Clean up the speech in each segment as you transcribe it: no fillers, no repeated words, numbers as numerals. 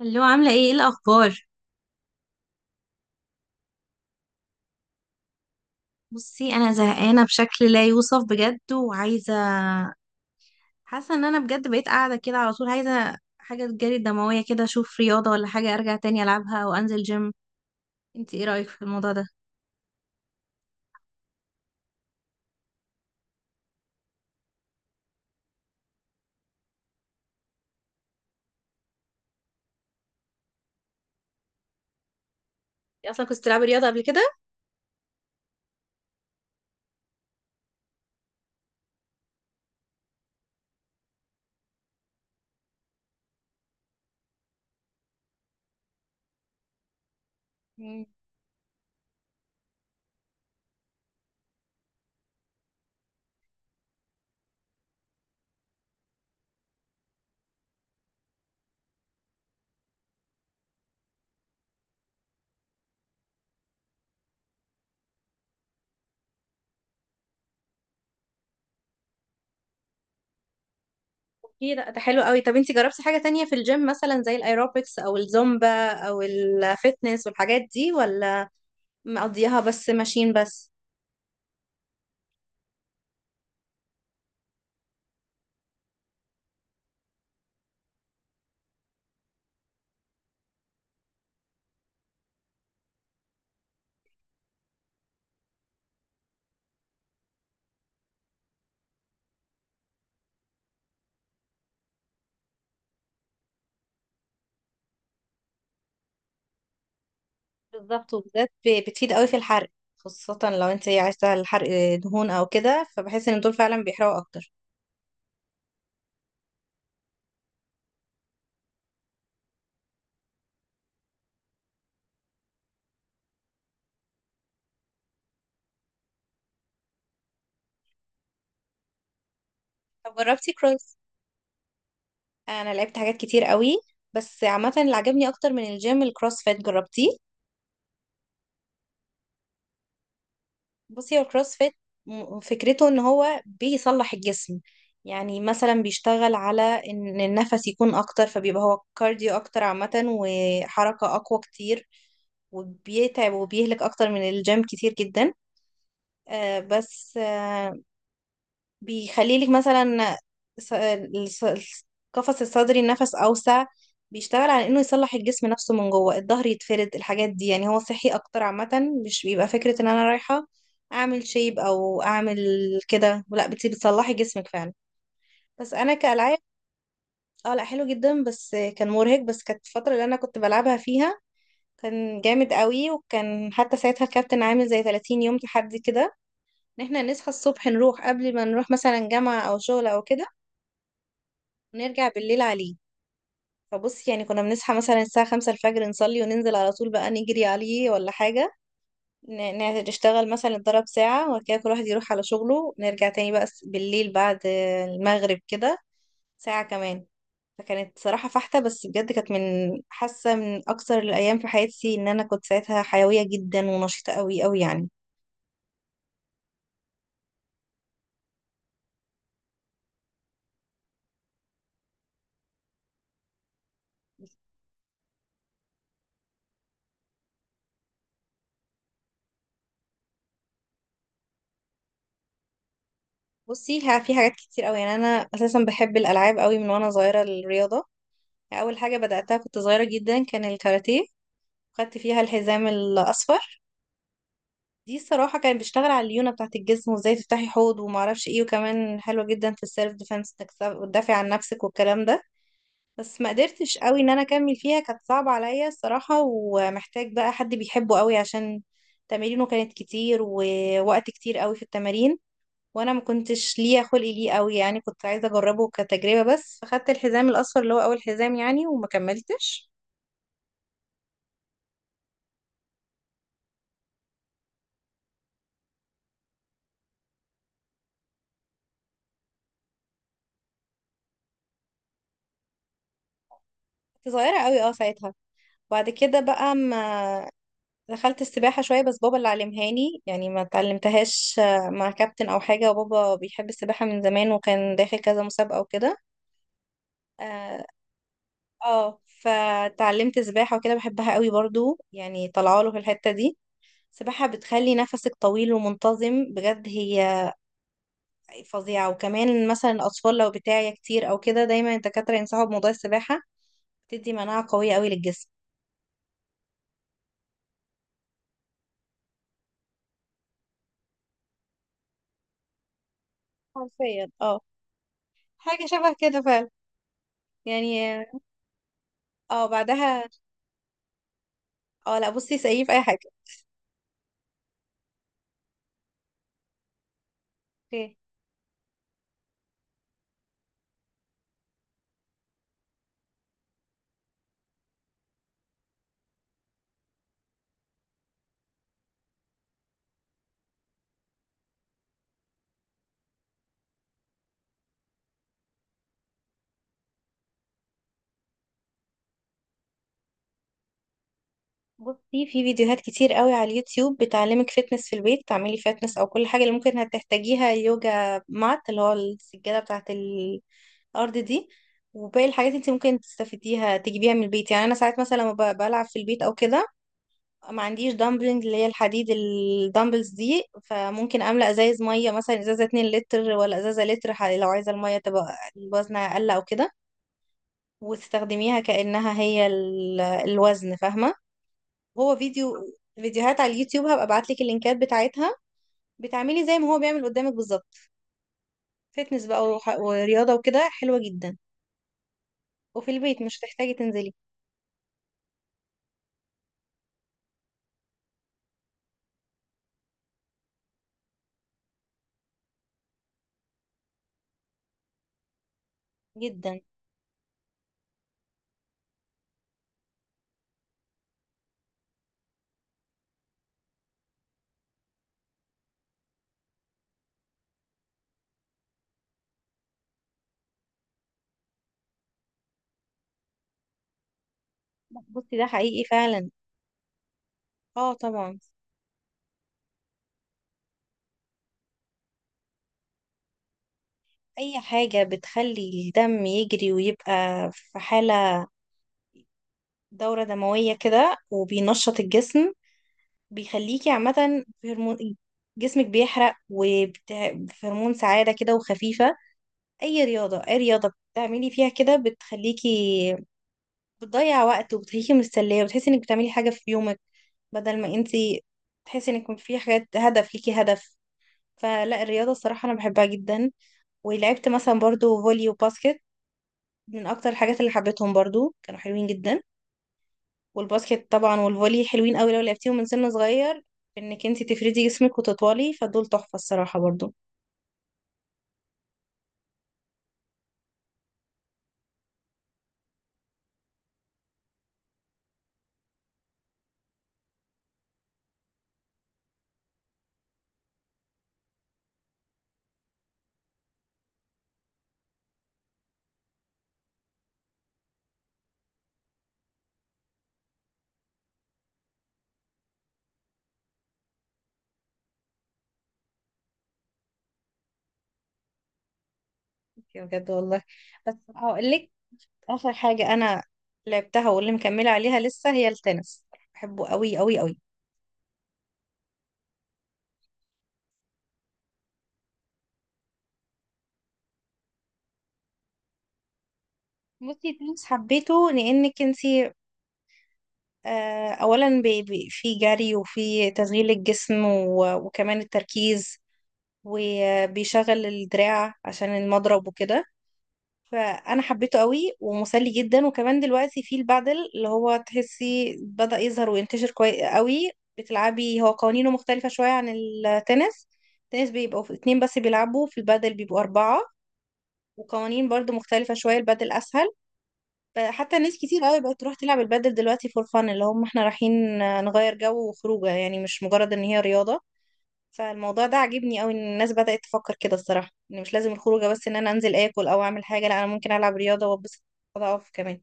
اللي هو عاملة ايه ايه الأخبار. بصي، أنا زهقانة بشكل لا يوصف بجد وعايزة، حاسة إن أنا بجد بقيت قاعدة كده على طول، عايزة حاجة تجري الدموية كده، أشوف رياضة ولا حاجة أرجع تاني ألعبها وأنزل جيم. انتي ايه رأيك في الموضوع ده؟ انتي أصلا كنت بتلعبي رياضة قبل كده؟ مم. اوكي، لا ده حلو قوي. طب انتي جربتي حاجة تانية في الجيم مثلا زي الايروبكس او الزومبا او الفتنس والحاجات دي، ولا مقضيها بس ماشين بس؟ بالظبط، وبالذات بتفيد قوي في الحرق، خاصة لو انت ايه عايزة الحرق دهون او كده، فبحس ان دول فعلا بيحرقوا اكتر. طب جربتي كروس؟ انا لعبت حاجات كتير قوي، بس عامة اللي عجبني اكتر من الجيم الكروس فيت، جربتيه؟ بصي هو الكروس فيت، فكرته ان هو بيصلح الجسم، يعني مثلا بيشتغل على ان النفس يكون اكتر، فبيبقى هو كارديو اكتر عامة، وحركة اقوى كتير، وبيتعب وبيهلك اكتر من الجيم كتير جدا. آه، بس آه، بيخليلك مثلا، س- الس- القفص الصدري النفس أوسع، بيشتغل على إنه يصلح الجسم نفسه من جوه، الظهر يتفرد، الحاجات دي. يعني هو صحي أكتر عامة، مش بيبقى فكرة إن أنا رايحة أعمل شيب أو أعمل كده، لا بتصلحي جسمك فعلا. بس أنا كألعاب، اه لا حلو جدا، بس كان مرهق. بس كانت الفترة اللي أنا كنت بلعبها فيها كان جامد قوي، وكان حتى ساعتها الكابتن عامل زي 30 يوم تحدي كده، ان احنا نصحى الصبح نروح قبل ما نروح مثلا جامعة او شغل او كده، ونرجع بالليل عليه. فبص يعني كنا بنصحى مثلا الساعة 5 الفجر، نصلي وننزل على طول بقى نجري عليه ولا حاجة، نشتغل مثلا، نتدرب ساعة، وبعد كده كل واحد يروح على شغله، نرجع تاني بقى بالليل بعد المغرب كده ساعة كمان. فكانت صراحة فاحتة، بس بجد كانت من حاسة، من أكثر الأيام في حياتي، إن أنا كنت ساعتها حيوية جدا ونشيطة قوي قوي يعني. بصي، في حاجات كتير قوي. يعني أنا أساسا بحب الألعاب قوي من وأنا صغيرة. الرياضة أول حاجة بدأتها كنت صغيرة جدا كان الكاراتيه، خدت فيها الحزام الاصفر. دي الصراحه كان بيشتغل على الليونه بتاعه الجسم، وازاي تفتحي حوض وما اعرفش ايه، وكمان حلوه جدا في السيلف ديفense، انك تدافعي عن نفسك والكلام ده. بس ما قدرتش قوي ان انا اكمل فيها، كانت صعبه عليا الصراحه، ومحتاج بقى حد بيحبه قوي، عشان تمارينه كانت كتير، ووقت كتير قوي في التمارين، وانا ما كنتش ليا خلق ليه قوي. يعني كنت عايزه اجربه كتجربه بس، فخدت الحزام الاصفر اللي هو اول حزام يعني، وما كملتش. كنت صغيره قوي اه ساعتها. بعد كده بقى ما دخلت السباحة شوية، بس بابا اللي علمهاني، يعني ما اتعلمتهاش مع كابتن أو حاجة، وبابا بيحب السباحة من زمان وكان داخل كذا مسابقة وكده. اه. فتعلمت سباحة وكده، بحبها قوي برضو يعني، طلعوا له في الحتة دي. السباحة بتخلي نفسك طويل ومنتظم، بجد هي فظيعة. وكمان مثلا الأطفال لو بتاعي كتير أو كده، دايما الدكاترة ينصحوا بموضوع السباحة، بتدي مناعة قوية قوي للجسم. حرفيا اه. حاجة شبه كده فعلا. يعني اه بعدها، اه لا بصي سقيف أي حاجة. اوكي، بصي في فيديوهات كتير قوي على اليوتيوب بتعلمك فتنس في البيت، تعملي فتنس او كل حاجه اللي ممكن هتحتاجيها، يوجا مات اللي هو السجاده بتاعه الارض دي، وباقي الحاجات انت ممكن تستفيديها تجيبيها من البيت. يعني انا ساعات مثلا لما بلعب في البيت او كده، ما عنديش دامبلنج اللي هي الحديد، الدامبلز دي، فممكن املى ازايز ميه، مثلا ازازه 2 لتر ولا ازازه لتر، لو عايزه الميه تبقى الوزن اقل او كده، وتستخدميها كانها هي الوزن، فاهمه؟ هو فيديو، فيديوهات على اليوتيوب، هبقى ابعت لك اللينكات بتاعتها، بتعملي زي ما هو بيعمل قدامك بالظبط. فتنس بقى ورياضه وكده حلوه جدا، وفي البيت مش هتحتاجي تنزلي. جدا. لا، بصي ده حقيقي فعلا. اه طبعا. اي حاجه بتخلي الدم يجري ويبقى في حاله، دوره دمويه كده وبينشط الجسم، بيخليكي عامه في هرمون جسمك بيحرق، وفي هرمون سعاده كده وخفيفه. اي رياضه، اي رياضه بتعملي فيها كده بتخليكي بتضيع وقت، وبتخليكي مستنيه، وبتحسي انك بتعملي حاجه في يومك، بدل ما انتي تحسي انك في حاجات، هدف ليكي هدف. فلا الرياضه الصراحه انا بحبها جدا. ولعبت مثلا برضو فولي وباسكت، من اكتر الحاجات اللي حبيتهم برضو، كانوا حلوين جدا. والباسكت طبعا والفولي حلوين قوي لو لعبتيهم من سن صغير، انك انتي تفردي جسمك وتطولي، فدول تحفه الصراحه برضو. بجد والله. بس هقول لك، اخر حاجه انا لعبتها واللي مكمله عليها لسه هي التنس، بحبه قوي قوي قوي. بصي تنس حبيته لانك انتي اولا في جري وفي تشغيل الجسم، وكمان التركيز، وبيشغل الدراع عشان المضرب وكده. فانا حبيته قوي ومسلي جدا. وكمان دلوقتي في البادل، اللي هو تحسي بدأ يظهر وينتشر كويس قوي، بتلعبي، هو قوانينه مختلفة شوية عن التنس. التنس بيبقوا اتنين بس بيلعبوا، في البادل بيبقوا أربعة، وقوانين برضو مختلفة شوية، البادل أسهل. حتى ناس كتير قوي بقت تروح تلعب البادل دلوقتي فور فان، اللي هم احنا رايحين نغير جو وخروجه، يعني مش مجرد ان هي رياضة. فالموضوع ده عاجبني قوي، ان الناس بدأت تفكر كده الصراحة، ان مش لازم الخروجه بس ان انا انزل اكل او اعمل حاجة، لا انا ممكن العب رياضة واتبسط، اقف كمان.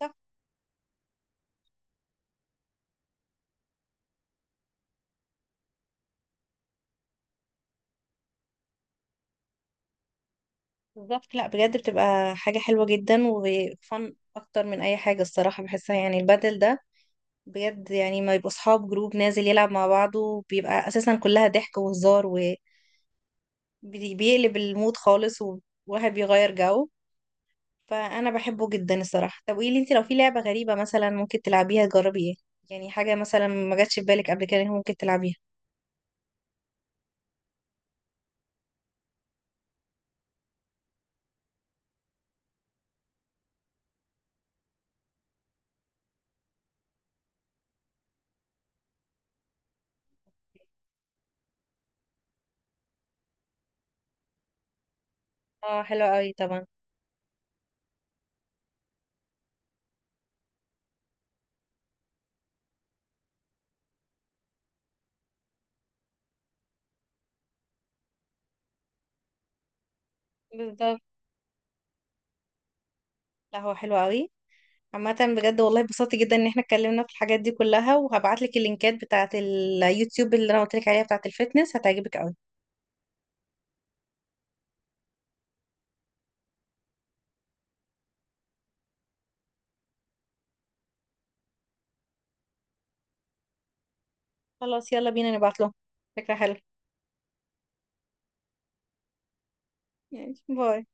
صح. بالظبط، لا بجد بتبقى حاجة حلوة جدا، وفن اكتر من اي حاجة الصراحة بحسها، يعني البادل ده بجد، يعني ما يبقوا اصحاب جروب نازل يلعب مع بعضه، بيبقى اساسا كلها ضحك وهزار، و بيقلب المود خالص، وواحد بيغير جو، فانا بحبه جدا الصراحه. طب قولي لي انت، لو في لعبه غريبه مثلا ممكن تلعبيها، تجربي ايه؟ يعني حاجه مثلا ما جاتش في بالك قبل كده إن ممكن تلعبيها. اه حلو قوي طبعا. بالظبط. لا هو حلو قوي عامه. بجد والله، اتبسطت جدا ان احنا اتكلمنا في الحاجات دي كلها، وهبعت لك اللينكات بتاعه اليوتيوب اللي انا قلت لك عليها، بتاعه الفيتنس، هتعجبك قوي. خلاص، يلا بينا، نبعت لهم. فكره حلوه. يعني باي.